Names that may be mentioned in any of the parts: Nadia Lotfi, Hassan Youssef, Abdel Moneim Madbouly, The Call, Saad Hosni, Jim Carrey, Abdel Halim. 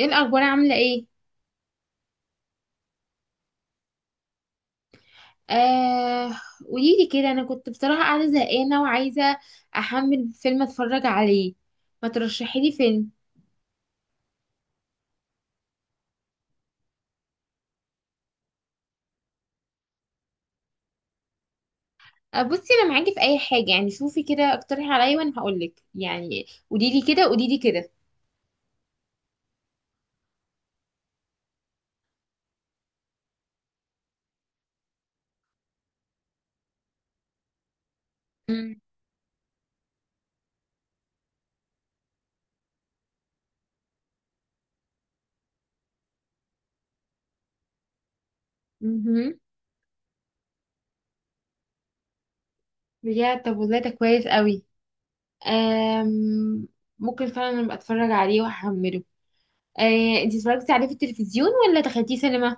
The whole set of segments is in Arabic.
ايه الاخبار، عامله ايه؟ آه. قوليلي كده، انا كنت بصراحه قاعده زهقانه وعايزه احمل فيلم اتفرج عليه. ما ترشحي لي فيلم؟ آه، بصي، انا معاكي في اي حاجه، يعني شوفي كده، اقترحي عليا وانا هقولك، يعني قوليلي كده قوليلي كده. امم مهم. بجد، طب والله ده كويس قوي. آم ممكن فعلا ابقى اتفرج عليه واحمله. آه، انتي اتفرجتي عليه في التلفزيون ولا دخلتيه سينما؟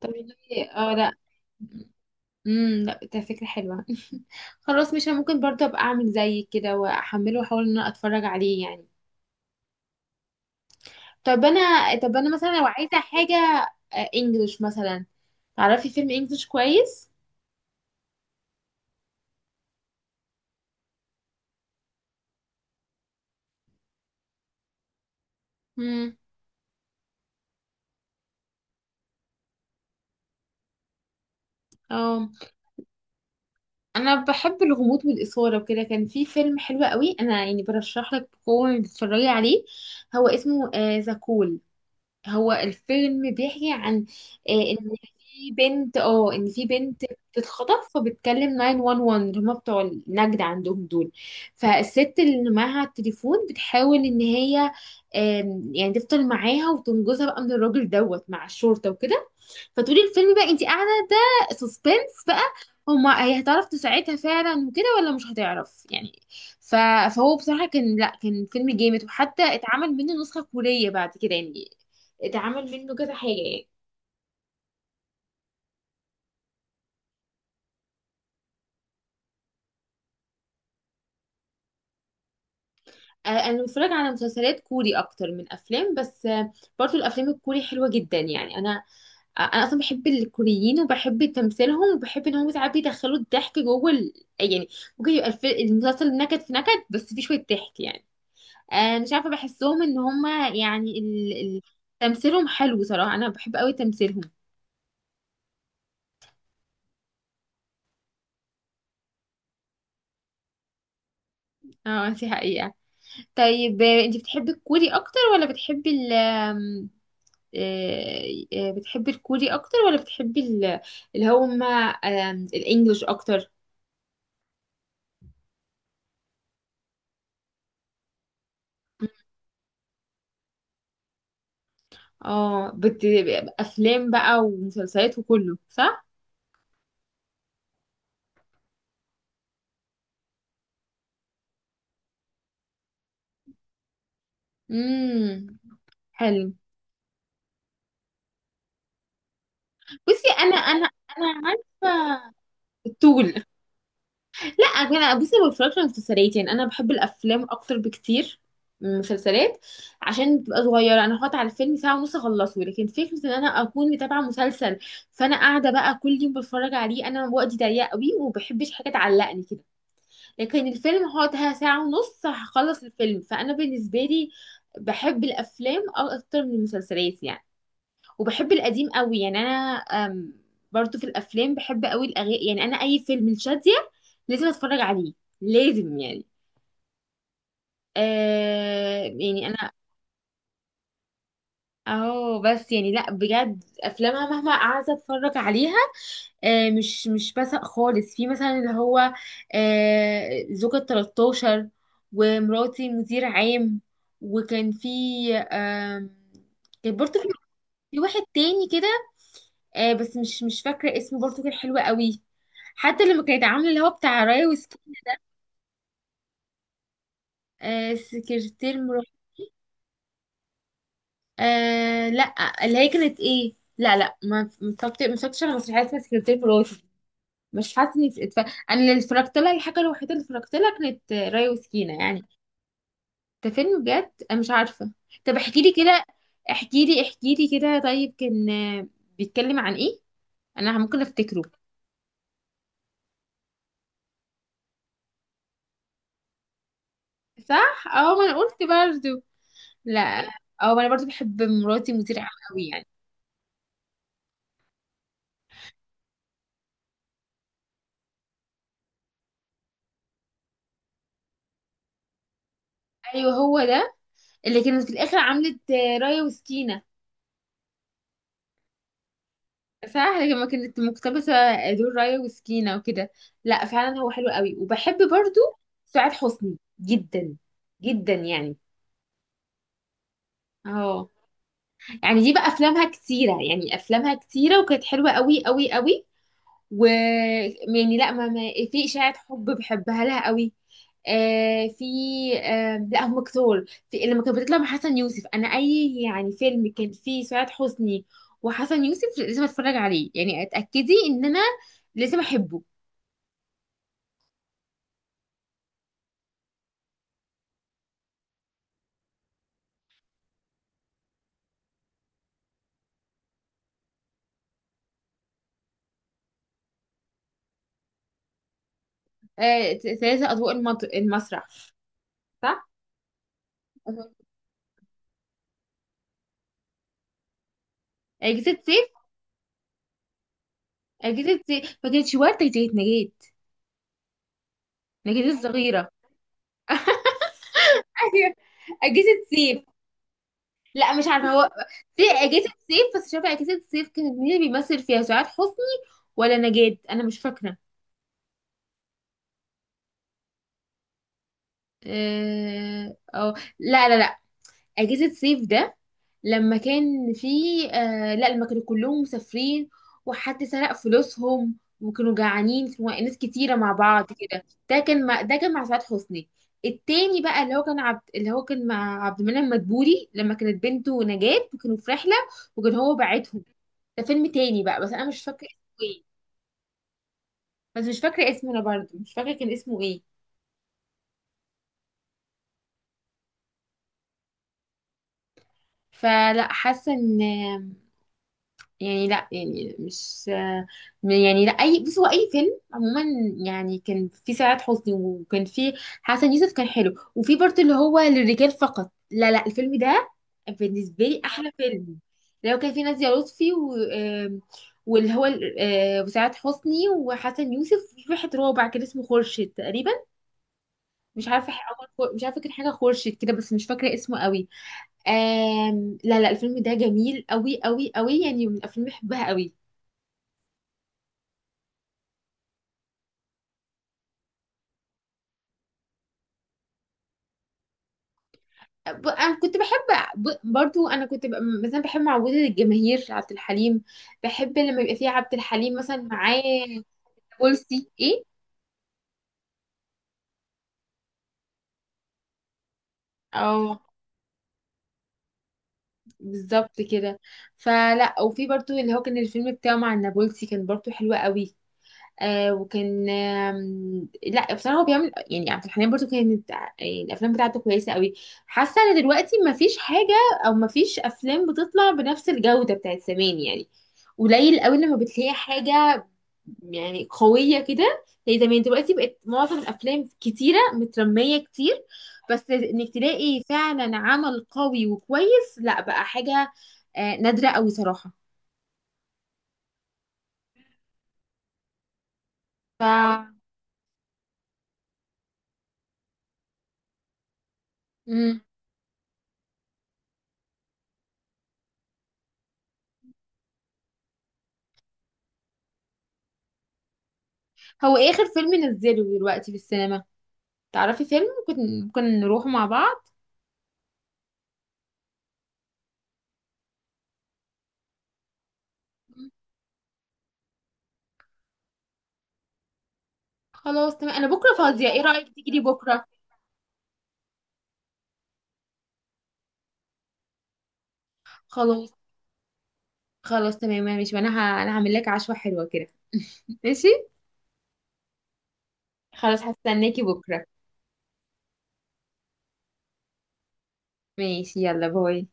اه، لا. لا، ده فكرة حلوة. خلاص، مش أنا ممكن برضه ابقى اعمل زي كده واحمله واحاول ان انا اتفرج عليه يعني. طب انا طب انا مثلا لو عايزة حاجة. انجلش مثلا. تعرفي فيلم انجلش كويس؟ امم اه، انا بحب الغموض والاثارة وكده. كان في فيلم حلو قوي، انا يعني برشح لك بقوة انك تتفرجي عليه. هو اسمه ذا كول. هو الفيلم بيحكي عن آه، ان ان في بنت بتتخطف، فبتكلم 911، اللي هما بتوع النجدة عندهم دول. فالست اللي معاها التليفون بتحاول ان هي يعني تفضل معاها وتنجزها بقى من الراجل دوت مع الشرطة وكده. فتقولي الفيلم بقى انت قاعده، ده سسبنس بقى. هما هي هتعرف تساعدها فعلا وكده ولا مش هتعرف يعني. ف... فهو بصراحه كان، لا، كان فيلم جامد، وحتى اتعمل منه نسخه كوريه بعد كده يعني. اتعمل منه كذا حاجه يعني. انا بتفرج على مسلسلات كوري اكتر من افلام، بس برضو الافلام الكوري حلوه جدا، يعني انا انا اصلا بحب الكوريين وبحب تمثيلهم وبحب ان هم ساعات بيدخلوا الضحك جوه ال... يعني. ممكن يبقى المسلسل نكد في نكد، بس فيه شويه ضحك يعني. مش عارفة بحسهم ان هما يعني تمثيلهم حلو صراحة، انا بحب قوي تمثيلهم. اه، دي حقيقة. طيب، انتي بتحبي الكوري اكتر ولا بتحبي ال آه، بتحبي الكوري اكتر ولا بتحبي ال... اللي هما الانجليش اكتر. اه بت... افلام بقى ومسلسلات وكله، صح؟ امم حلو. بصي انا، انا عارفة الطول. لا، انا بصي ما بتفرجش على مسلسلات، يعني انا بحب الافلام اكتر بكتير من المسلسلات. عشان بتبقى صغيره، انا هقعد على الفيلم ساعه ونص اخلصه، لكن فكره ان انا اكون متابعه مسلسل، فانا قاعده بقى كل يوم بتفرج عليه، انا وقتي ضيق قوي وما بحبش حاجه تعلقني كده. لكن الفيلم هقعد ساعه ونص هخلص الفيلم، فانا بالنسبه لي بحب الافلام اكتر من المسلسلات يعني. وبحب القديم قوي يعني انا. أم، برضو في الافلام بحب قوي الاغاني، يعني انا اي فيلم لشادية لازم اتفرج عليه، لازم يعني. يعني انا اهو، بس يعني لا، بجد افلامها مهما قعدت اتفرج عليها مش بسق خالص، في مثلا اللي هو زوجة 13، ومراتي مدير عام. وكان في، آه كان برضه في في واحد تاني كده. بس مش فاكرة اسمه، برضه كان حلو قوي. حتى لما كانت عاملة اللي هو بتاع راي وسكين. سكرتير مرا. آه، لا، اللي هي كانت ايه، لا، لا، ما اتفرجتش على مسرحية اسمها سكرتير مراتي. مش حاسة انا اللي اتفرجت لها، الحاجة الوحيدة اللي اتفرجت لها كانت راي وسكينة يعني. ده فيلم؟ بجد أنا مش عارفة. طب احكي لي كده، احكي لي كده. طيب، كان بيتكلم عن ايه؟ انا ممكن افتكره. صح، اه، ما انا قلت برضه. لا. او انا برضو بحب مراتي مدير عام قوي يعني. ايوه، هو ده اللي كانت في الاخر عملت رايه وسكينه. صح، لما كانت مقتبسه دور رايه وسكينه وكده. لا، فعلا هو حلو قوي. وبحب برضو سعاد حسني جدا جدا يعني. اه، يعني دي بقى افلامها كتيره، يعني افلامها كتيره وكانت حلوه قوي قوي قوي. و، يعني لا ما في إشاعة حب بحبها لها قوي. في لا، هم كتار. في لما كانت بتطلع مع حسن يوسف، انا اي يعني فيلم كان فيه سعاد حسني وحسن يوسف لازم اتفرج عليه، يعني اتاكدي ان انا لازم احبه. ثلاثة اضواء المسرح. صح. اجهزة سيف. اجهزة سيف، ما كانتش وردة، كانت نجاة. نجاة الصغيرة. ايوه. اجهزة سيف. لا، مش عارفه، هو في اجازه صيف، بس مش عارفه اجازه صيف كانت مين اللي بيمثل فيها، سعاد حسني ولا نجاة، انا مش فاكره. اه، لا، لا، لا، اجازه صيف ده لما كان في، لا، لما كانوا كلهم مسافرين وحد سرق فلوسهم وكانوا جعانين وناس كتيره مع بعض كده. ده كان مع ده كان مع سعاد حسني. التاني بقى اللي هو كان عبد اللي هو كان مع عبد المنعم مدبولي، لما كانت بنته نجاة وكانوا في رحله، وكان هو باعتهم. ده فيلم تاني بقى، بس انا مش فاكره اسمه ايه. بس مش فاكره اسمه، انا برضه مش فاكره كان اسمه ايه. فلا، حاسه ان يعني، لا يعني مش، يعني لا اي، بص هو اي فيلم عموما، يعني كان فيه سعاد حسني وكان فيه حسن يوسف، كان حلو. وفي برضه اللي هو للرجال فقط، لا، لا، الفيلم ده بالنسبه لي احلى فيلم. لو كان فيه نادية لطفي و واللي هو وسعاد حسني وحسن يوسف، في واحد رابع كان اسمه خورشيد تقريبا. مش عارفه عمر، مش عارفه كان حاجه خورشيد كده، بس مش فاكره اسمه قوي. لا، لا، الفيلم ده جميل قوي قوي قوي يعني، من الافلام اللي بحبها قوي. انا كنت بحب، برضو انا كنت مثلا بحب معوده الجماهير عبد الحليم. بحب لما يبقى فيه عبد الحليم مثلا معاه. بولسي ايه. اه، بالظبط كده. فلا، وفي برضو اللي هو كان الفيلم بتاعه مع النابلسي، كان برضو حلو قوي. وكان لا بصراحه هو بيعمل يعني، عبد الحليم برضو كانت يعني الافلام بتاعته كويسه قوي. حاسه ان دلوقتي ما فيش حاجه، او ما فيش افلام بتطلع بنفس الجوده بتاعت زمان يعني. قليل قوي لما بتلاقي حاجه يعني قويه كده زي زمان. دلوقتي بقت معظم الافلام كتيره، مترميه كتير. بس انك تلاقي فعلا عمل قوي وكويس، لا، بقى حاجه نادره قوي صراحه. ف مم. هو ايه اخر فيلم نزله دلوقتي في السينما؟ تعرفي فيلم ممكن نروح مع بعض؟ خلاص، تمام، انا بكره فاضيه، ايه رايك تيجي بكره؟ خلاص. خلاص، تمام، ماشي، وانا انا هعمل لك عشوه حلوه كده. ماشي. خلاص، هستناكي بكره. ماشي، يلا، باي.